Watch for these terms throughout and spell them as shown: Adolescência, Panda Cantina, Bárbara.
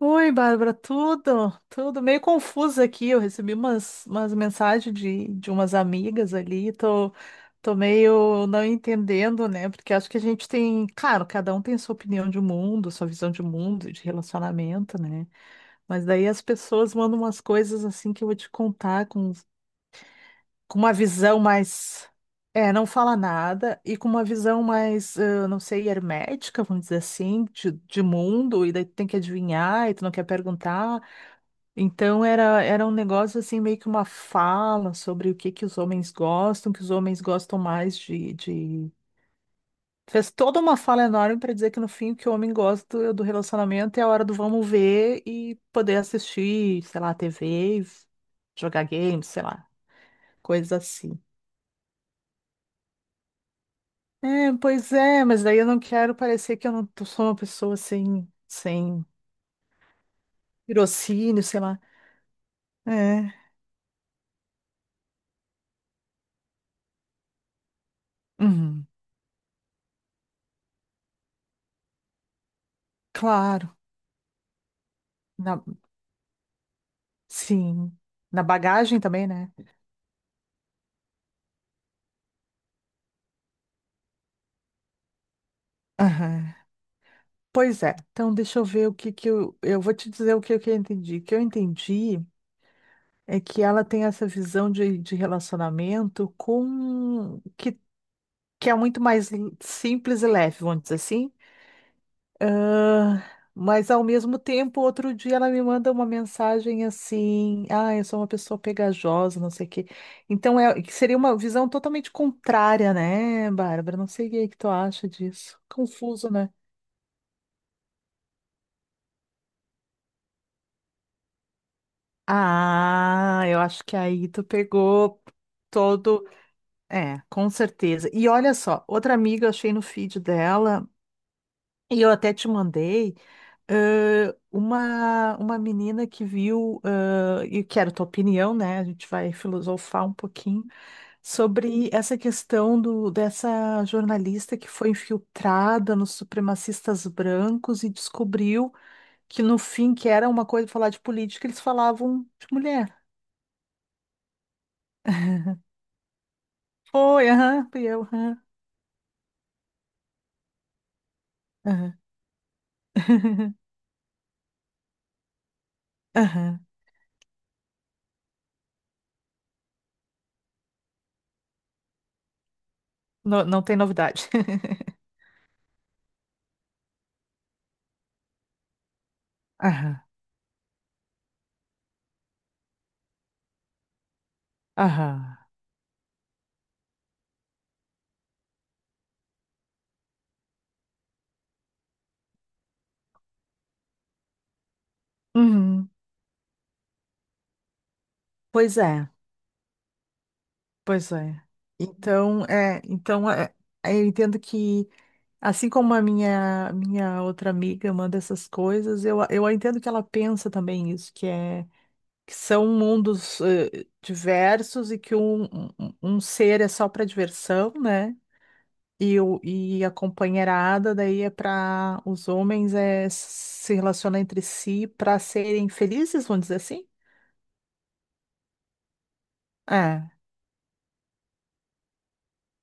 Oi, Bárbara, tudo meio confuso aqui. Eu recebi umas mensagens de umas amigas ali, tô meio não entendendo, né? Porque acho que a gente tem, claro, cada um tem sua opinião de mundo, sua visão de mundo, de relacionamento, né? Mas daí as pessoas mandam umas coisas assim que eu vou te contar com uma visão mais, não fala nada, e com uma visão mais, não sei, hermética, vamos dizer assim, de mundo, e daí tu tem que adivinhar, e tu não quer perguntar. Então era um negócio assim, meio que uma fala sobre o que que os homens gostam, que os homens gostam mais de... Fez toda uma fala enorme para dizer que no fim o que o homem gosta do relacionamento é a hora do vamos ver e poder assistir, sei lá, TV, jogar games, sei lá, coisas assim. É, pois é, mas daí eu não quero parecer que eu não tô- sou uma pessoa sem tirocínio, sei lá. É, uhum, claro, na, sim, na bagagem também, né? Aham. Pois é. Então, deixa eu ver o que que eu. Eu vou te dizer que eu entendi. O que eu entendi é que ela tem essa visão de relacionamento com. Que é muito mais simples e leve, vamos dizer assim. Ah, mas, ao mesmo tempo, outro dia ela me manda uma mensagem assim: Ah, eu sou uma pessoa pegajosa, não sei o quê. Então, é, que seria uma visão totalmente contrária, né, Bárbara? Não sei o que que tu acha disso. Confuso, né? Ah, eu acho que aí tu pegou todo. É, com certeza. E olha só, outra amiga eu achei no feed dela, e eu até te mandei, uma menina que viu, e quero tua opinião, né? A gente vai filosofar um pouquinho sobre essa questão do, dessa jornalista que foi infiltrada nos supremacistas brancos e descobriu que no fim, que era uma coisa falar de política, eles falavam de mulher. Foi, aham, fui eu, aham, aham, aham. Não tem novidade. Aham, aham. Uhum. Pois é, pois é. Então, é, então é, eu entendo que, assim como a minha outra amiga manda essas coisas, eu entendo que ela pensa também isso, que são mundos diversos e que um ser é só para diversão, né? E a companheirada daí é para os homens é se relacionar entre si para serem felizes, vamos dizer assim? É.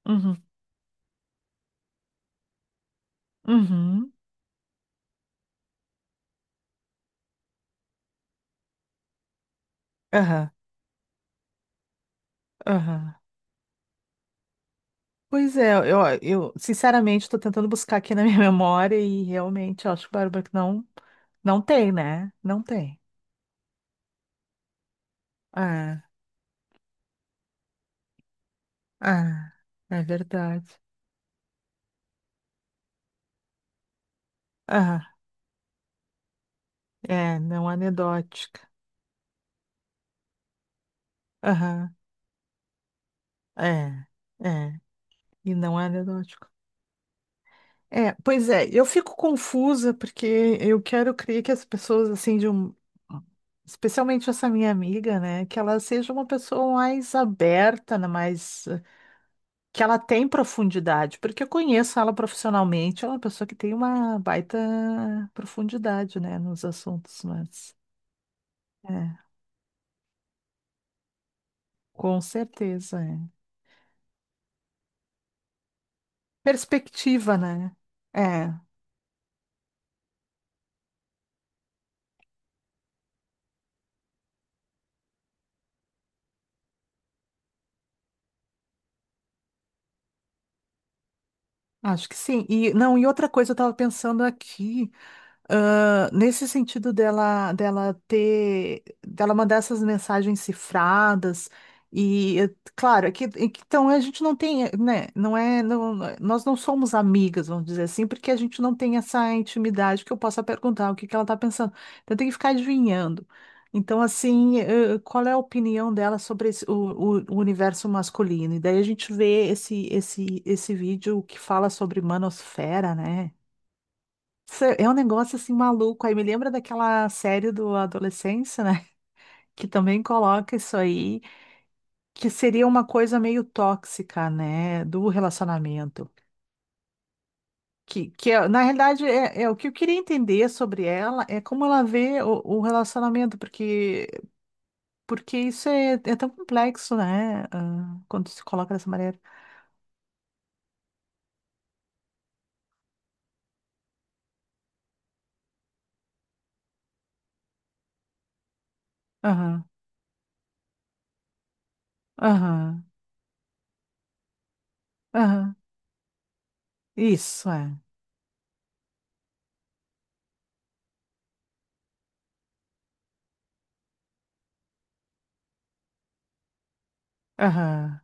Uhum. Uhum. Aham. Aham. Pois é, eu sinceramente estou tentando buscar aqui na minha memória e realmente eu acho, Bárbara, que não, não tem, né? Não tem. Ah, ah, é verdade. Ah, é, não anedótica. Aham, é, é, e não é anedótico. É, pois é, eu fico confusa porque eu quero crer que as pessoas, assim, de um. Especialmente essa minha amiga, né? Que ela seja uma pessoa mais aberta, né, mais. Que ela tem profundidade, porque eu conheço ela profissionalmente, ela é uma pessoa que tem uma baita profundidade, né? Nos assuntos, mas. É, com certeza, é. Perspectiva, né? É, acho que sim. E, não, e outra coisa, eu estava pensando aqui. Ah, nesse sentido dela mandar essas mensagens cifradas e, eh, claro, então a gente não tem, nós não somos amigas, vamos dizer assim, porque a gente não tem essa intimidade que eu possa perguntar o que que ela está pensando. Então tem que ficar adivinhando. Então, assim, qual é a opinião dela sobre o universo masculino? E daí a gente vê esse vídeo que fala sobre manosfera, né? É um negócio assim maluco. Aí me lembra daquela série do Adolescência, né? Que também coloca isso aí, que seria uma coisa meio tóxica, né? Do relacionamento. Na realidade, é o que eu queria entender sobre ela é como ela vê o relacionamento, porque, porque isso é tão complexo, né? Ah, quando se coloca dessa maneira. Aham, aham, aham. Isso é. Aham.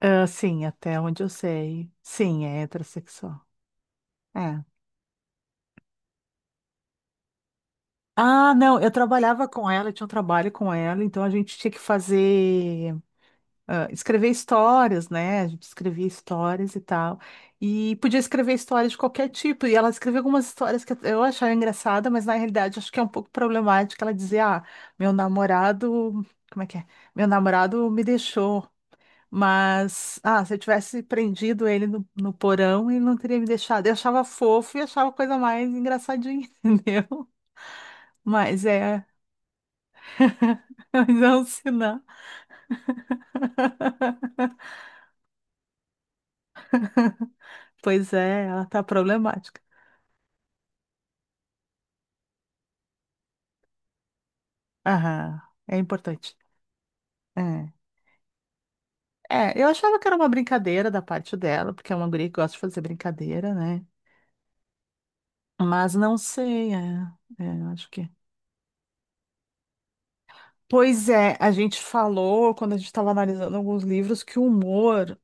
Ah, sim, até onde eu sei. Sim, é heterossexual. É. Ah, não, eu trabalhava com ela, eu tinha um trabalho com ela, então a gente tinha que fazer, ah, escrever histórias, né? A gente escrevia histórias e tal. E podia escrever histórias de qualquer tipo. E ela escreveu algumas histórias que eu achava engraçada, mas na realidade acho que é um pouco problemática. Ela dizia: Ah, meu namorado. Como é que é? Meu namorado me deixou. Mas, ah, se eu tivesse prendido ele no porão, ele não teria me deixado. Eu achava fofo e achava a coisa mais engraçadinha, entendeu? Mas é. Mas não, se pois é, ela tá problemática. Aham, é importante. É. É, eu achava que era uma brincadeira da parte dela, porque é uma guria que gosta de fazer brincadeira, né? Mas não sei, eu acho que. Pois é, a gente falou, quando a gente estava analisando alguns livros, que o humor,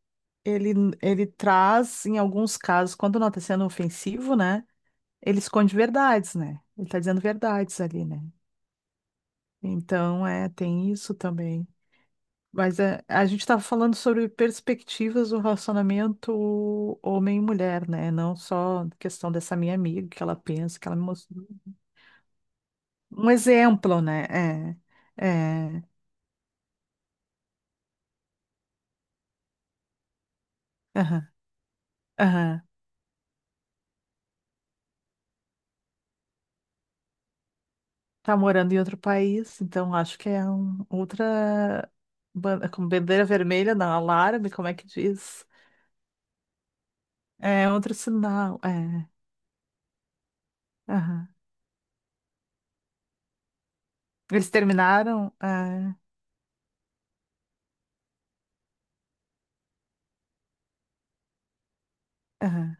ele, ele traz, em alguns casos, quando não está sendo ofensivo, né? Ele esconde verdades, né? Ele está dizendo verdades ali, né? Então, é, tem isso também. Mas é, a gente estava falando sobre perspectivas do relacionamento homem e mulher, né? Não só questão dessa minha amiga, que ela pensa, que ela me mostrou. Um exemplo, né? É, aham, aham. Tá morando em outro país, então acho que é outra, como bandeira vermelha, não, alarme, como é que diz? É outro sinal, é, aham. Eles terminaram, é, aham.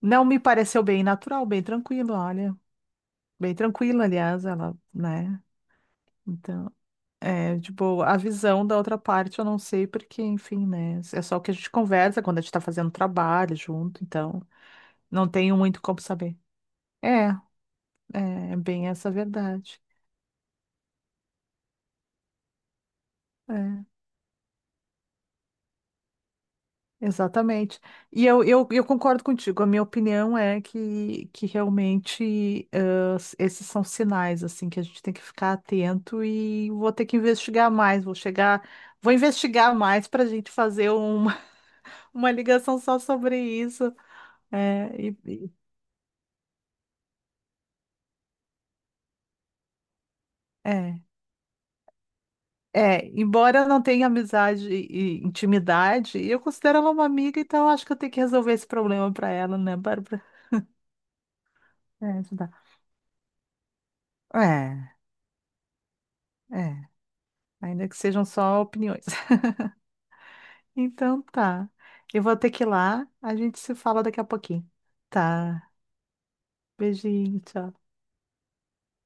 Não me pareceu bem natural, bem tranquilo, olha. Bem tranquila, aliás, ela, né? Então, é, tipo, a visão da outra parte eu não sei, porque, enfim, né? É só o que a gente conversa quando a gente tá fazendo trabalho junto, então não tenho muito como saber. É, é bem essa a verdade. É, exatamente. E eu concordo contigo, a minha opinião é que realmente esses são sinais, assim, que a gente tem que ficar atento e vou ter que investigar mais, vou chegar, vou investigar mais para a gente fazer um uma ligação só sobre isso. É, e- e- é, é, embora eu não tenha amizade e intimidade, eu considero ela uma amiga, então acho que eu tenho que resolver esse problema para ela, né, Bárbara? É, ajudar. É, é, ainda que sejam só opiniões. Então tá. Eu vou ter que ir lá, a gente se fala daqui a pouquinho. Tá. Beijinho, tchau.